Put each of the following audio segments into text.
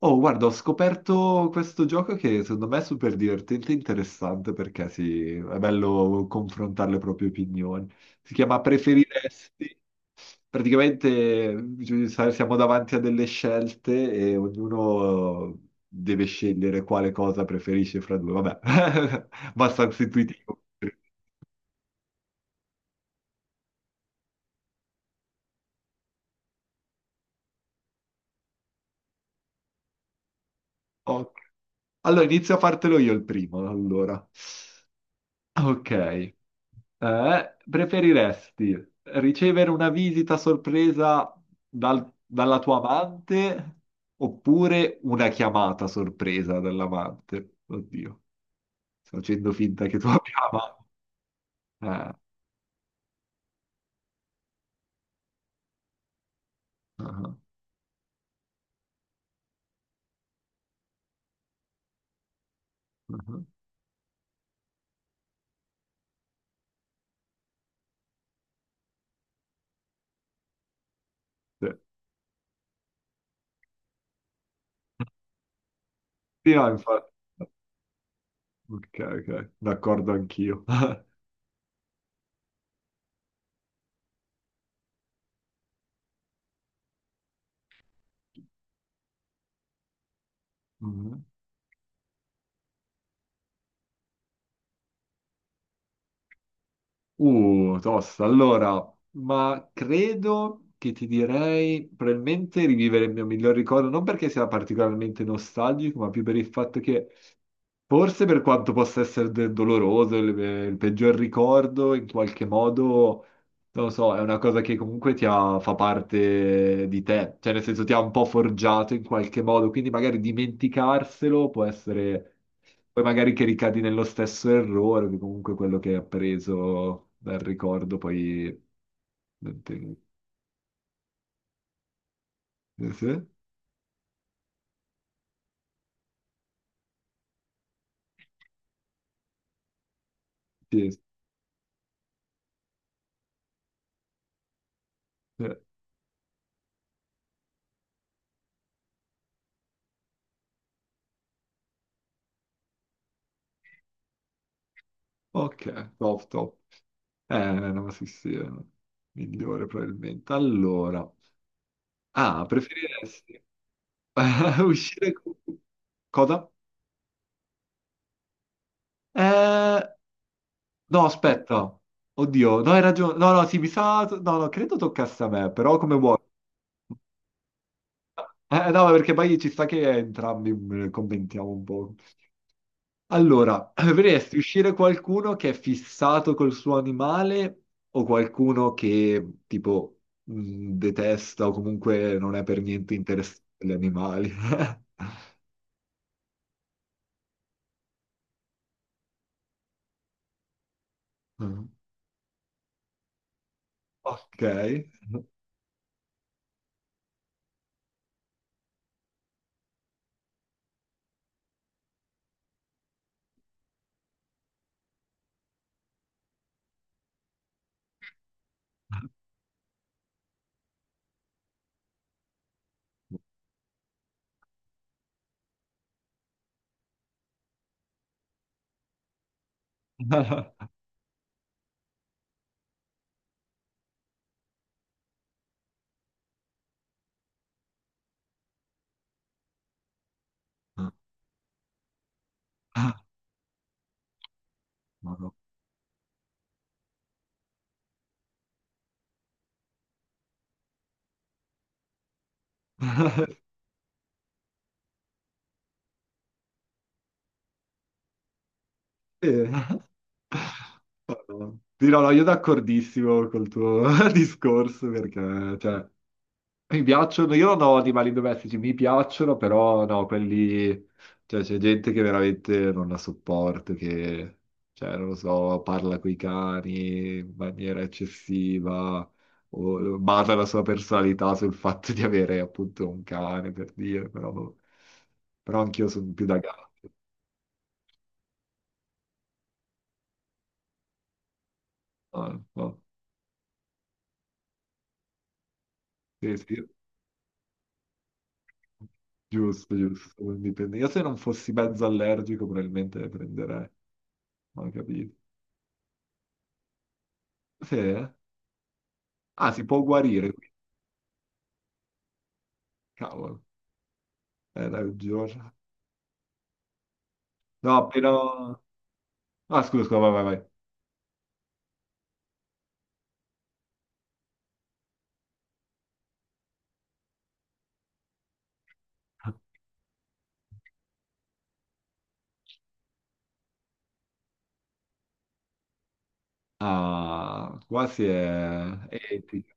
Oh, guarda, ho scoperto questo gioco che secondo me è super divertente e interessante perché sì, è bello confrontare le proprie opinioni. Si chiama Preferiresti. Praticamente siamo davanti a delle scelte e ognuno deve scegliere quale cosa preferisce fra due. Vabbè, abbastanza intuitivo. Ok. Allora, inizio a fartelo io il primo, allora. Ok. Preferiresti ricevere una visita sorpresa dalla tua amante oppure una chiamata sorpresa dall'amante? Oddio, sto facendo finta che tu abbia amante. Eh, ah, ah, sì, sì, no, infatti. Ok, ok, d'accordo anch'io. Mhm. Tosta. Allora, ma credo che ti direi probabilmente rivivere il mio miglior ricordo, non perché sia particolarmente nostalgico, ma più per il fatto che forse per quanto possa essere doloroso, il peggior ricordo, in qualche modo, non lo so, è una cosa che comunque fa parte di te, cioè nel senso ti ha un po' forgiato in qualche modo, quindi magari dimenticarselo può essere, poi magari che ricadi nello stesso errore, che comunque quello che hai appreso dal ricordo poi. Sì? Sì? Sì. Sì. Ok, top, top. Eh, no, sì, sì, è migliore probabilmente. Allora. Ah, preferiresti uscire con. Cosa? Eh, no, aspetta. Oddio, no, hai ragione. No, no, sì, mi sa. No, no, credo toccasse a me, però come vuoi. No, perché poi ci sta che entrambi commentiamo un po'. Allora, preferiresti uscire qualcuno che è fissato col suo animale o qualcuno che, tipo, detesta o comunque non è per niente interessato agli animali? Mm. Ok. Madò. Sì. Madò. Sì, no, no, io d'accordissimo col tuo discorso perché, cioè, mi piacciono, io non ho animali domestici, mi piacciono, però no, quelli, cioè c'è gente che veramente non la sopporto, che, cioè, non lo so, parla coi cani in maniera eccessiva, o basa la sua personalità sul fatto di avere appunto un cane, per dire, però anch'io sono più da gatto. No, no. Sì, sì. Giusto, giusto. Quindi io se non fossi mezzo allergico probabilmente le prenderei, ma capito. Sì, eh? Ah, si può guarire, quindi, cavolo, è raggiosa. No, però. Ah, scusa, scusa, vai, vai, vai. Ah, qua si è etica.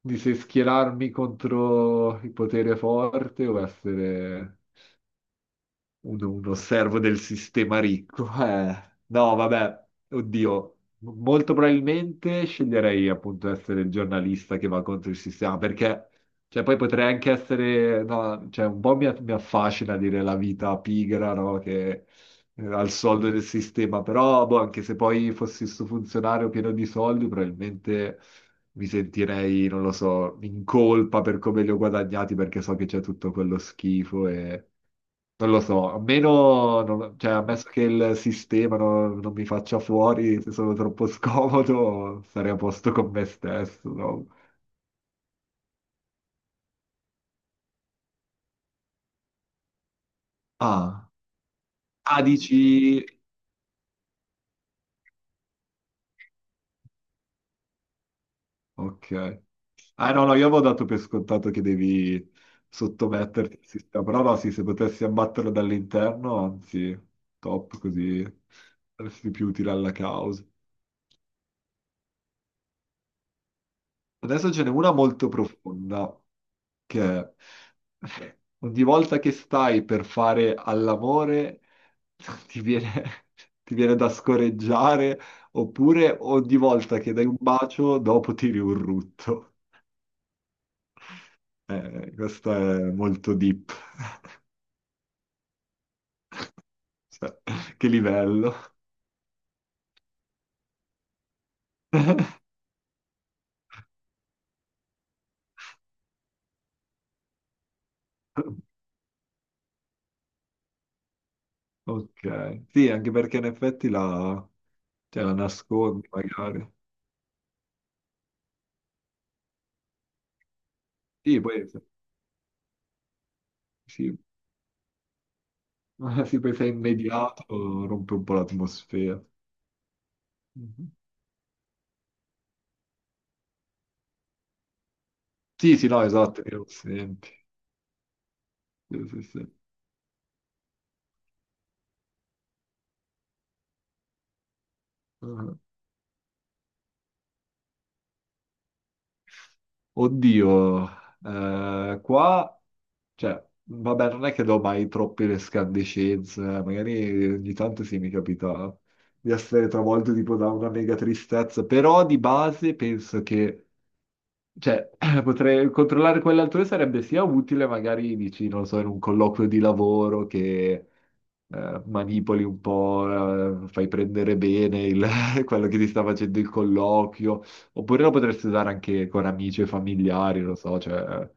Di se schierarmi contro il potere forte o essere uno servo del sistema ricco. No, vabbè, oddio, molto probabilmente sceglierei appunto essere il giornalista che va contro il sistema, perché cioè, poi potrei anche essere, no, cioè, un po' mi affascina dire la vita pigra, no, che al soldo del sistema, però boh, anche se poi fossi sto funzionario pieno di soldi, probabilmente. Mi sentirei, non lo so, in colpa per come li ho guadagnati perché so che c'è tutto quello schifo e, non lo so, a meno, cioè, ammesso che il sistema non mi faccia fuori se sono troppo scomodo, sarei a posto con me stesso. No? Ah, ah, dici. Ok. Ah, no, no, io avevo dato per scontato che devi sottometterti al sistema, però no, sì, se potessi abbatterlo dall'interno, anzi, top, così saresti più utile alla causa. Adesso ce n'è una molto profonda, che è, ogni volta che stai per fare all'amore ti viene, ti viene da scoreggiare, oppure ogni volta che dai un bacio dopo tiri un rutto. Questo è molto deep. Cioè, che livello. Ok, sì, anche perché in effetti la, cioè, la nascondi magari. Sì, poi sì, sì. Sì, poi sei immediato, rompe un po' l'atmosfera. Mhm. Sì, sì, no, esatto, io lo senti. Sì, sì, sì. Ah. Oddio, qua, cioè, vabbè, non è che do mai troppe escandescenze, magari ogni tanto sì mi capita di essere travolto tipo da una mega tristezza, però di base penso che cioè, potrei controllare quell'altrui sarebbe sia utile, magari dici, non lo so, in un colloquio di lavoro che manipoli un po', fai prendere bene quello che ti sta facendo il colloquio, oppure lo potresti usare anche con amici e familiari, non lo so, cioè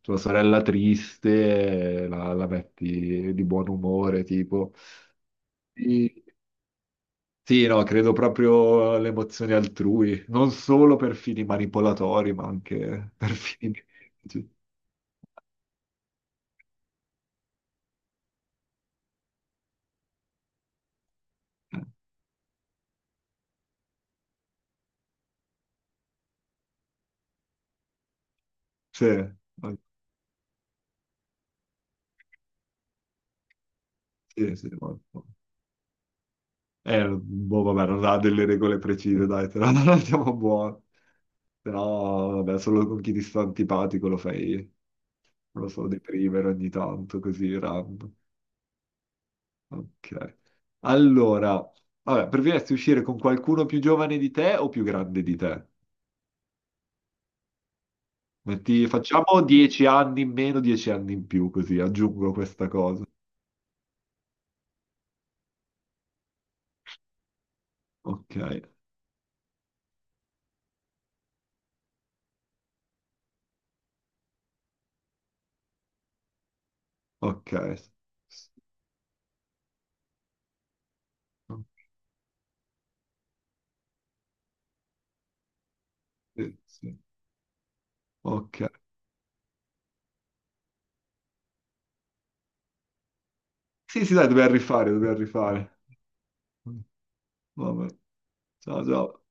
tua sorella triste, la metti di buon umore, tipo. Sì, no, credo proprio alle emozioni altrui, non solo per fini manipolatori, ma anche per fini. Sì, sì, sì, molto. Boh, vabbè, non ha delle regole precise, dai, te la non andiamo buono. Però, vabbè, solo con chi ti sta antipatico lo fai, non lo so, deprimere ogni tanto, così, random. Ok. Allora, vabbè, preferiresti uscire con qualcuno più giovane di te o più grande di te? Facciamo 10 anni in meno, 10 anni in più, così aggiungo questa cosa. Ok, ok. Sì, sì. Ok. Sì, sì, dai, dobbiamo rifare, dobbiamo rifare. Vabbè. Ciao, ciao.